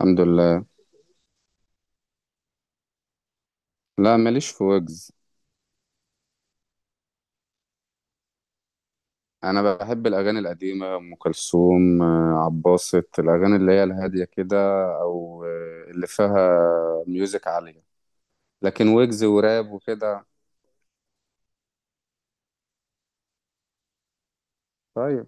الحمد لله. لا ماليش في ويجز. انا بحب الاغاني القديمه، ام كلثوم، عباسط الاغاني اللي هي الهاديه كده. او اللي فيها ميوزك عاليه، لكن ويجز وراب وكده. طيب،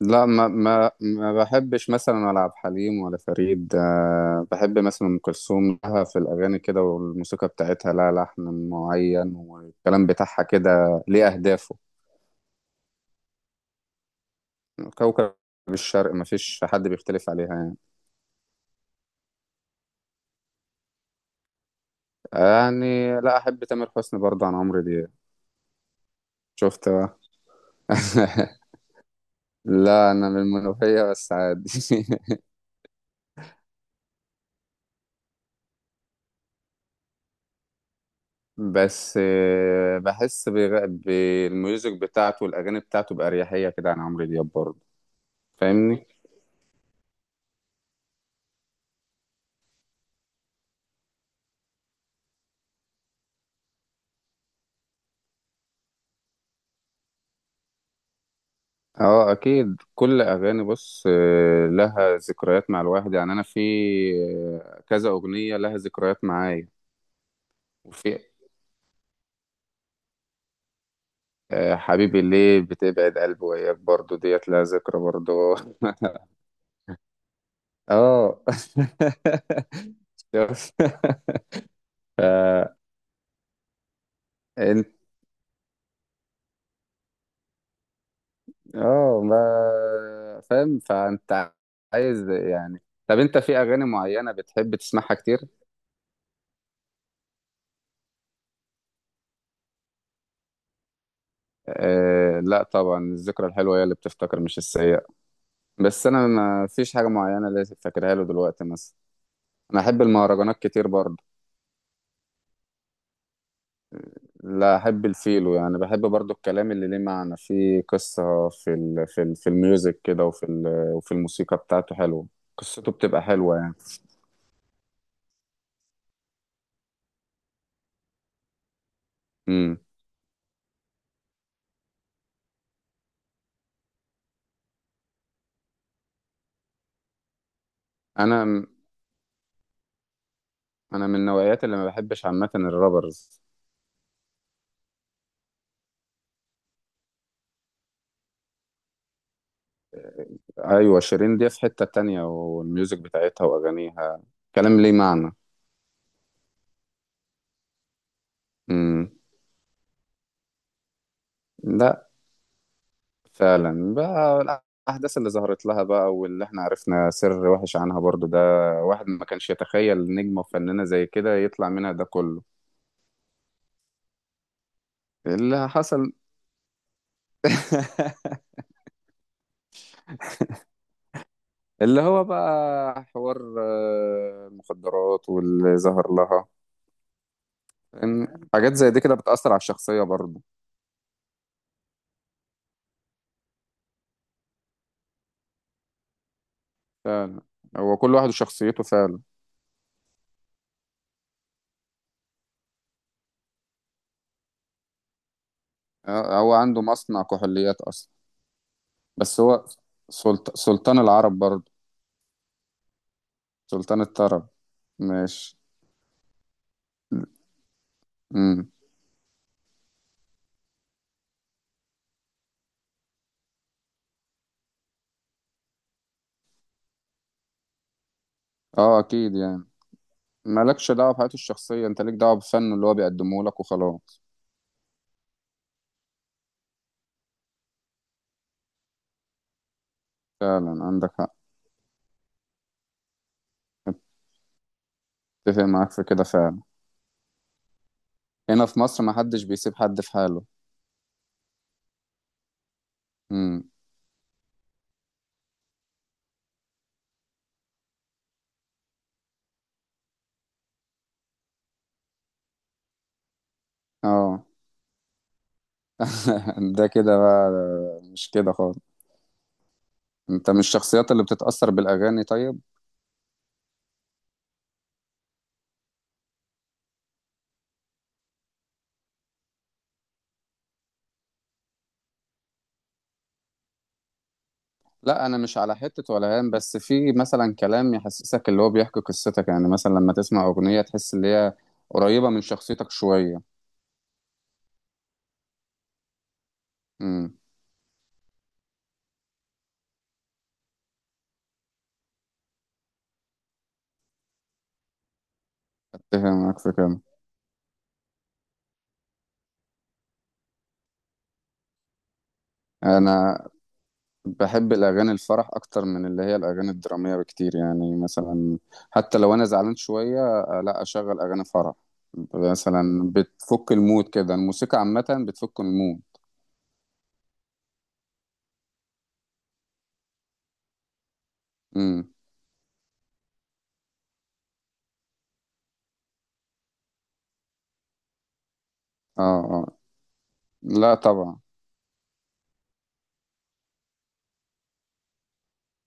لا ما بحبش مثلا، ولا عبد الحليم ولا فريد. بحب مثلا ام كلثوم، لها في الاغاني كده، والموسيقى بتاعتها لها لحن معين، والكلام بتاعها كده ليه اهدافه. كوكب الشرق مفيش حد بيختلف عليها يعني. يعني لا، أحب تامر حسني برضه عن عمرو دياب. شفت بقى. لا، أنا من المنوفية بس عادي. بس بحس بالميوزك بتاعته والأغاني بتاعته بأريحية كده عن عمرو دياب برضه. فاهمني؟ اه اكيد، كل اغاني، بص، لها ذكريات مع الواحد يعني. انا في كذا اغنيه لها ذكريات معايا. وفي حبيبي ليه بتبعد قلبي وياك، برضو ديت لها ذكرى برضو. اه. فانت، اه ما فاهم، فانت عايز يعني. طب انت في اغاني معينه بتحب تسمعها كتير؟ آه لا طبعا، الذكرى الحلوه هي اللي بتفتكر، مش السيئه. بس انا ما فيش حاجه معينه اللي فاكرها له دلوقتي مثلا. انا احب المهرجانات كتير برضه. لا احب الفيلو، يعني بحب برضه الكلام اللي ليه معنى، فيه قصه في ال في ال في الميوزك كده، وفي الموسيقى بتاعته حلوه، قصته بتبقى حلوه يعني. امم. انا انا من النوعيات اللي ما بحبش عامه الرابرز. ايوه شيرين دي في حته تانية، والميوزك بتاعتها واغانيها كلام ليه معنى. امم. لا، فعلا بقى، الاحداث اللي ظهرت لها بقى، واللي احنا عرفنا سر وحش عنها برضو ده. واحد ما كانش يتخيل نجمه وفنانه زي كده يطلع منها ده كله. اللي حصل. اللي هو بقى حوار المخدرات واللي ظهر لها. إن حاجات زي دي كده بتأثر على الشخصية برضه. فعلا، هو كل واحد وشخصيته فعلا. آه، هو عنده مصنع كحوليات اصلا. بس هو سلطان العرب برضه. سلطان الطرب. ماشي. امم. اه اكيد يعني، مالكش دعوه بحياته الشخصيه، انت ليك دعوه بفنه اللي هو بيقدمه لك وخلاص. فعلا عندك حق، اتفق معاك في كده فعلا. هنا في مصر ما حدش بيسيب حد في حاله. امم. اه. ده كده بقى. مش كده خالص. انت من الشخصيات اللي بتتاثر بالاغاني طيب؟ لا انا مش على حته ولا هام، بس في مثلا كلام يحسسك اللي هو بيحكي قصتك، يعني مثلا لما تسمع اغنيه تحس ان هي قريبه من شخصيتك شويه. امم. فاهمك في كده. انا بحب الاغاني الفرح اكتر من اللي هي الاغاني الدراميه بكتير. يعني مثلا حتى لو انا زعلان شويه، لا اشغل اغاني فرح مثلا، بتفك المود كده، الموسيقى عامه بتفك المود. امم. اه اه. لا طبعا.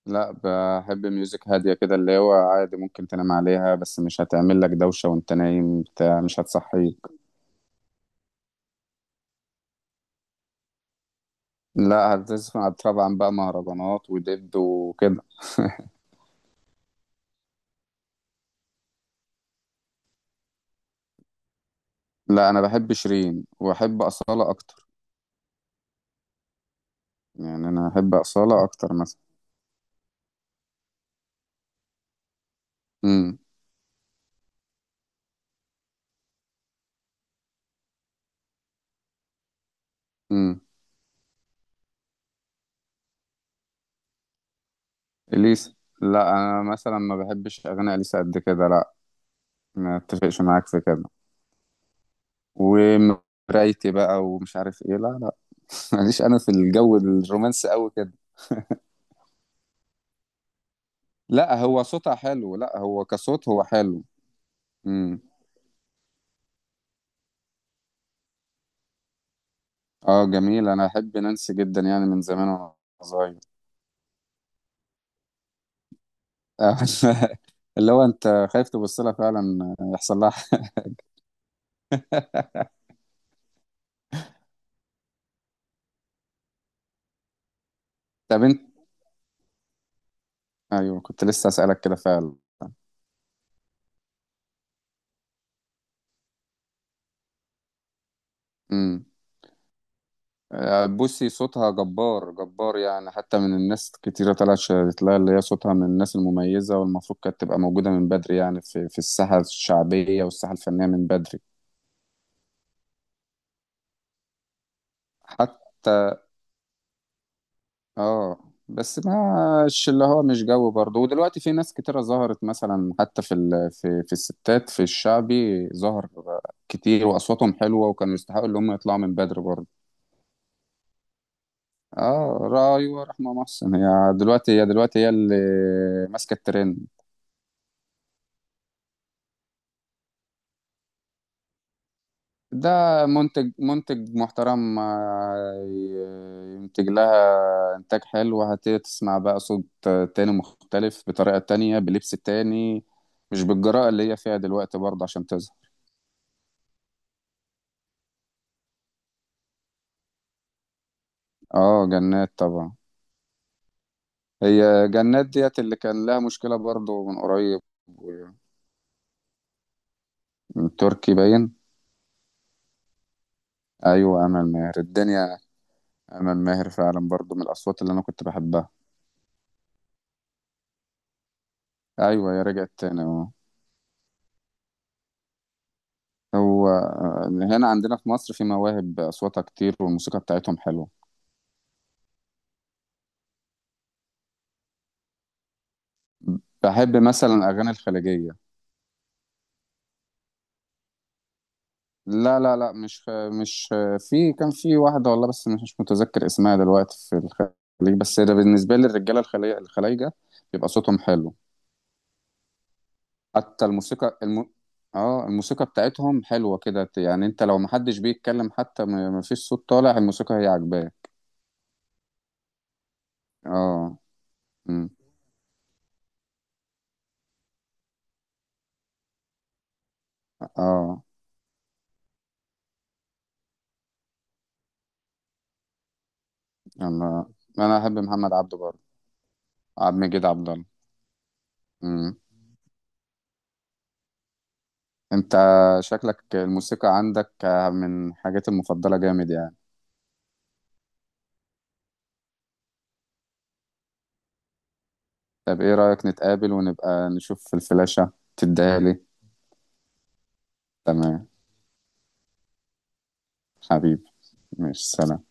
لا بحب ميوزك هادية كده اللي هو عادي ممكن تنام عليها، بس مش هتعمل لك دوشة وانت نايم بتاع، مش هتصحيك. لا هتسمع طبعا بقى مهرجانات ودب وكده. لا انا بحب شيرين واحب أصالة اكتر، يعني انا احب أصالة اكتر مثلا. امم. امم. اليسا؟ لا انا مثلا ما بحبش اغاني اليسا قد كده، لا. ما اتفقش معاك في كده. ومرايتي بقى ومش عارف ايه، لا لا. ماليش انا في الجو الرومانسي قوي كده. لا هو صوتها حلو، لا هو كصوت هو حلو. امم. اه جميل، انا احب نانسي جدا يعني من زمان وانا صغير. آه، اللي هو انت خايف تبص لها فعلا، يحصل لها حاجة. طب انت، ايوه كنت لسه اسالك كده فعلا. امم. آه، بوسي صوتها جبار جبار يعني، حتى من الناس كتيرة طلعت شهدت لها اللي هي صوتها من الناس المميزة، والمفروض كانت تبقى موجودة من بدري يعني، في الساحة الشعبية والساحة الفنية من بدري. حتى اه، بس مش اللي هو مش جو برضه. ودلوقتي في ناس كتيرة ظهرت مثلا، حتى في في الستات في الشعبي ظهر كتير واصواتهم حلوه، وكانوا يستحقوا ان هم يطلعوا من بدري برضه. اه رأي ورحمه محسن، هي دلوقتي هي اللي ماسكه الترند. ده منتج منتج محترم، ينتج لها إنتاج حلو، هتبتدي تسمع بقى صوت تاني مختلف بطريقة تانية، بلبس تاني، مش بالجراءة اللي هي فيها دلوقتي برضه عشان تظهر. اه جنات طبعا. هي جنات ديت اللي كان لها مشكلة برضه من قريب و- من تركي باين. ايوه امل ماهر الدنيا، امل ماهر فعلا برضه من الاصوات اللي انا كنت بحبها. ايوه هي رجعت تاني اه. هو هنا عندنا في مصر في مواهب أصواتها كتير والموسيقى بتاعتهم حلوة. بحب مثلا الأغاني الخليجية. لا لا لا، مش، في كان في واحدة والله، بس مش متذكر اسمها دلوقتي في الخليج. بس ده بالنسبة لي الرجالة الخلايجة بيبقى صوتهم حلو، حتى اه الموسيقى بتاعتهم حلوة كده يعني، انت لو محدش بيتكلم حتى مفيش صوت طالع الموسيقى هي عاجباه. اه. أمم. اه انا انا احب محمد عبده برضه، عبد المجيد عبد الله. مم. انت شكلك الموسيقى عندك من حاجات المفضلة جامد يعني. طب ايه رأيك نتقابل ونبقى نشوف الفلاشة تديها لي. تمام. حبيبي. ماشي سلام.